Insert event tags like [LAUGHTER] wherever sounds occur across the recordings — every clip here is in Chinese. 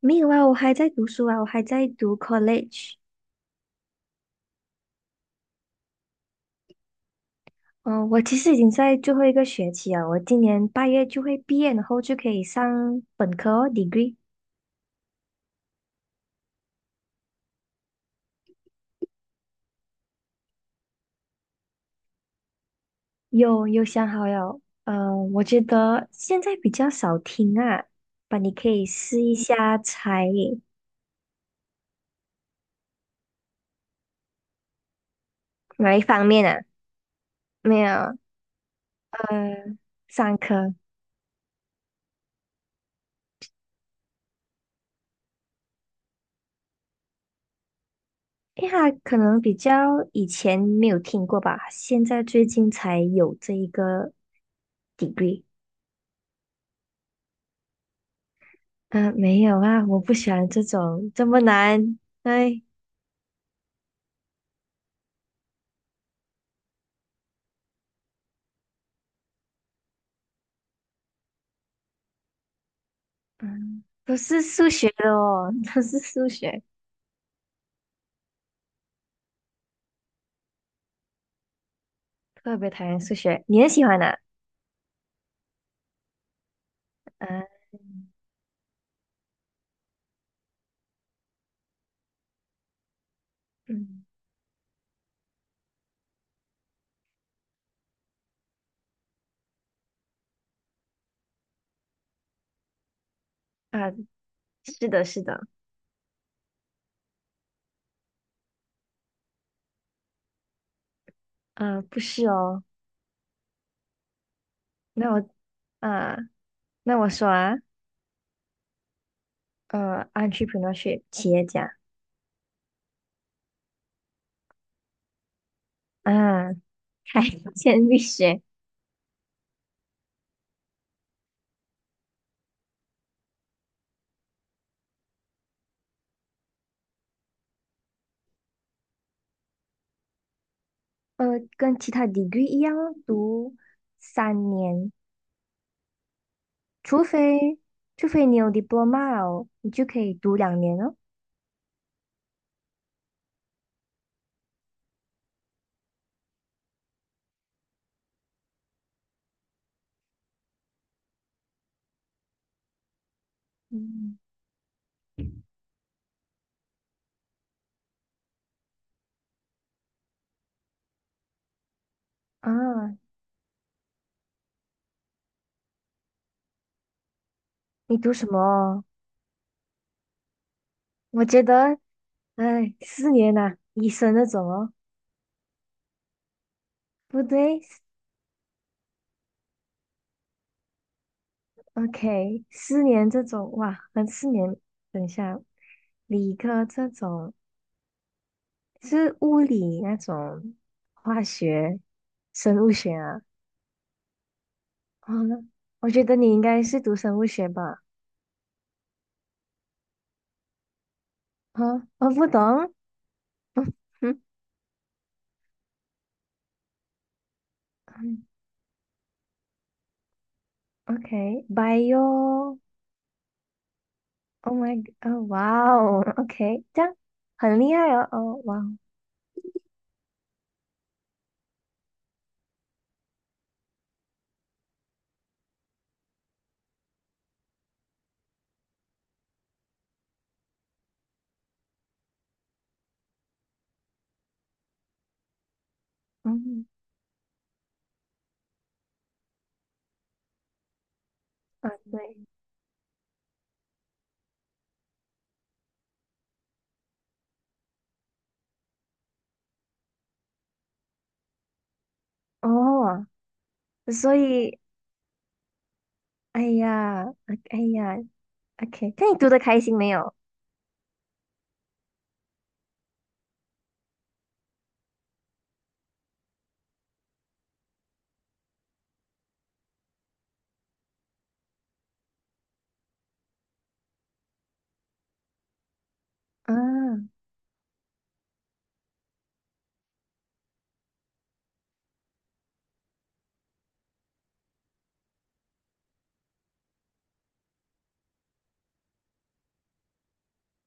没有啊，我还在读书啊，我还在读 college。嗯、我其实已经在最后一个学期啊，我今年8月就会毕业，然后就可以上本科哦 degree。有想好了。嗯，我觉得现在比较少听啊，吧，你可以试一下才哪一方面啊？没有。呃，上课。因为它可能比较以前没有听过吧，现在最近才有这一个 degree。嗯，没有啊，我不喜欢这种这么难。哎，嗯，都是数学的哦，[LAUGHS] 都是数学，特别讨厌数学。你也喜欢的？嗯嗯啊，是的，是的。啊，不是哦。那我啊，那我说啊。entrepreneurship 企业家啊，开建力学。呃，跟其他 degree 一样哦读3年。除非除非你有 diploma 哦，你就可以读2年哦。嗯。啊，你读什么？我觉得，哎，四年呐、医生那种哦，不对，OK,四年这种，哇，那四年，等一下，理科这种是物理那种，化学、生物学啊。啊，我觉得你应该是读生物学吧？啊，我不懂，嗯嗯嗯OK，bio，Oh my，g o 哦，哇哦，OK,这样很厉害哦，哦，哇哦。嗯。啊，对，哦，所以，哎呀，啊哎呀，OK,那你读的开心没有？啊，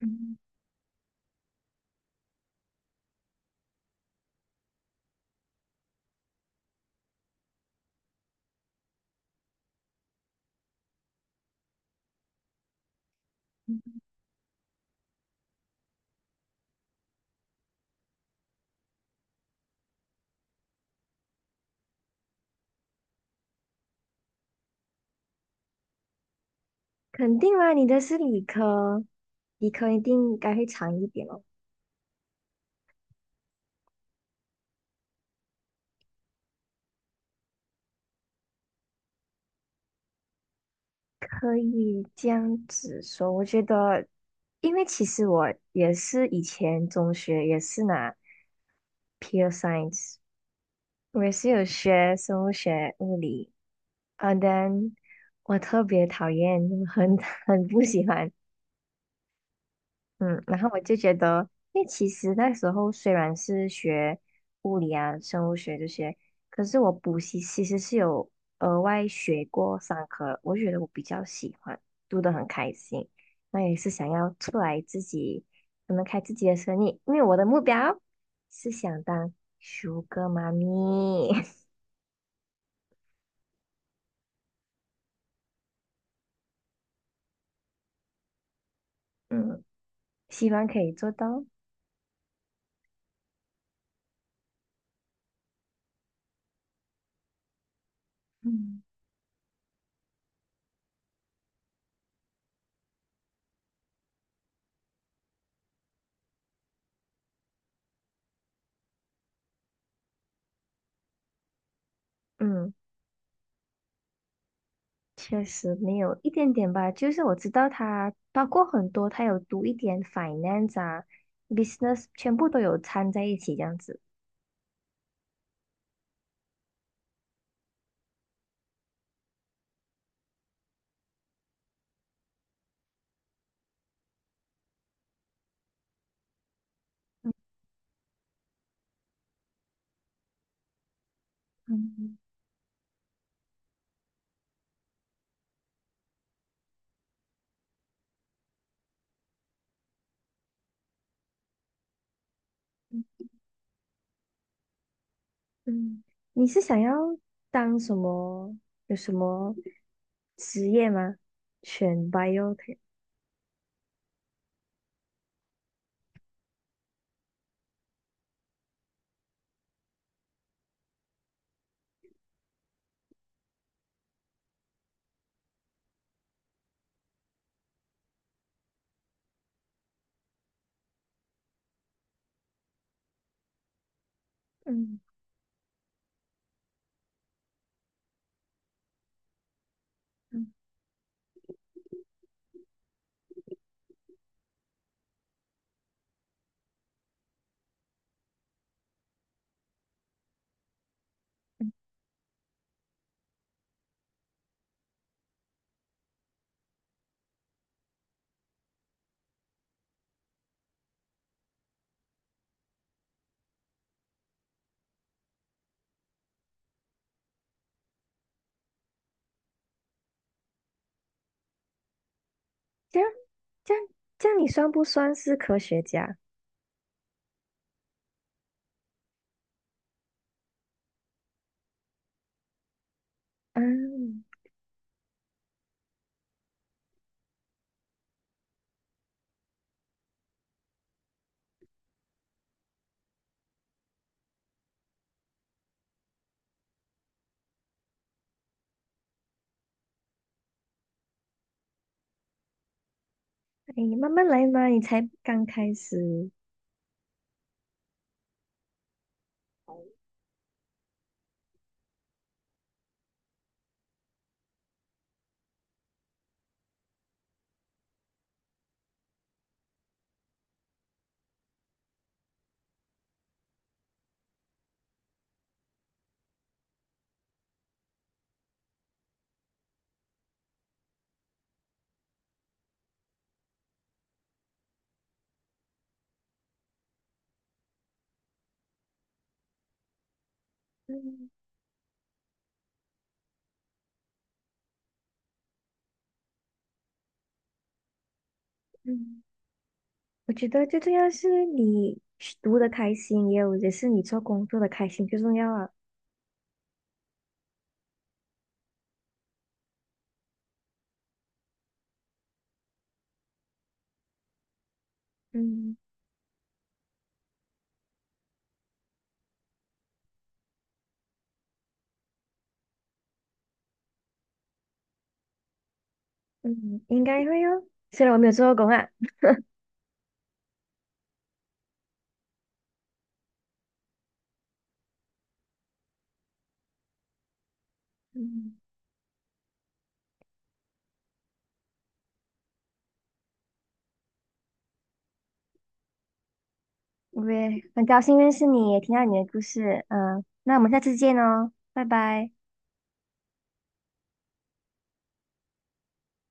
嗯，肯定啦，你的是理科，理科一定应该会长一点哦。可以这样子说，我觉得，因为其实我也是以前中学也是拿 pure science,我也是有学生物学、物理，啊，但我特别讨厌，很 [LAUGHS] 很不喜欢。嗯，然后我就觉得，因为其实那时候虽然是学物理啊、生物学这些，可是我补习其实是有额外学过三科，我觉得我比较喜欢，读得很开心。那也是想要出来自己，可能开自己的生意，因为我的目标是想当舒哥妈咪。[LAUGHS] 嗯，希望可以做到。嗯。嗯。确实没有一点点吧，就是我知道他包括很多，他有读一点 finance 啊、business,全部都有掺在一起这样子。嗯嗯，你是想要当什么？有什么职业吗？选 biotech。嗯嗯，这样这样这样，你算不算是科学家？嗯。哎，慢慢来嘛，你才刚开始。嗯嗯。我觉得最重要是你读的开心，也是你做工作的开心最重要啊。嗯嗯，应该会哦。虽然我没有做过工啊。嗯，我也很高兴认识你，也听到你的故事。嗯，那我们下次见哦，拜拜。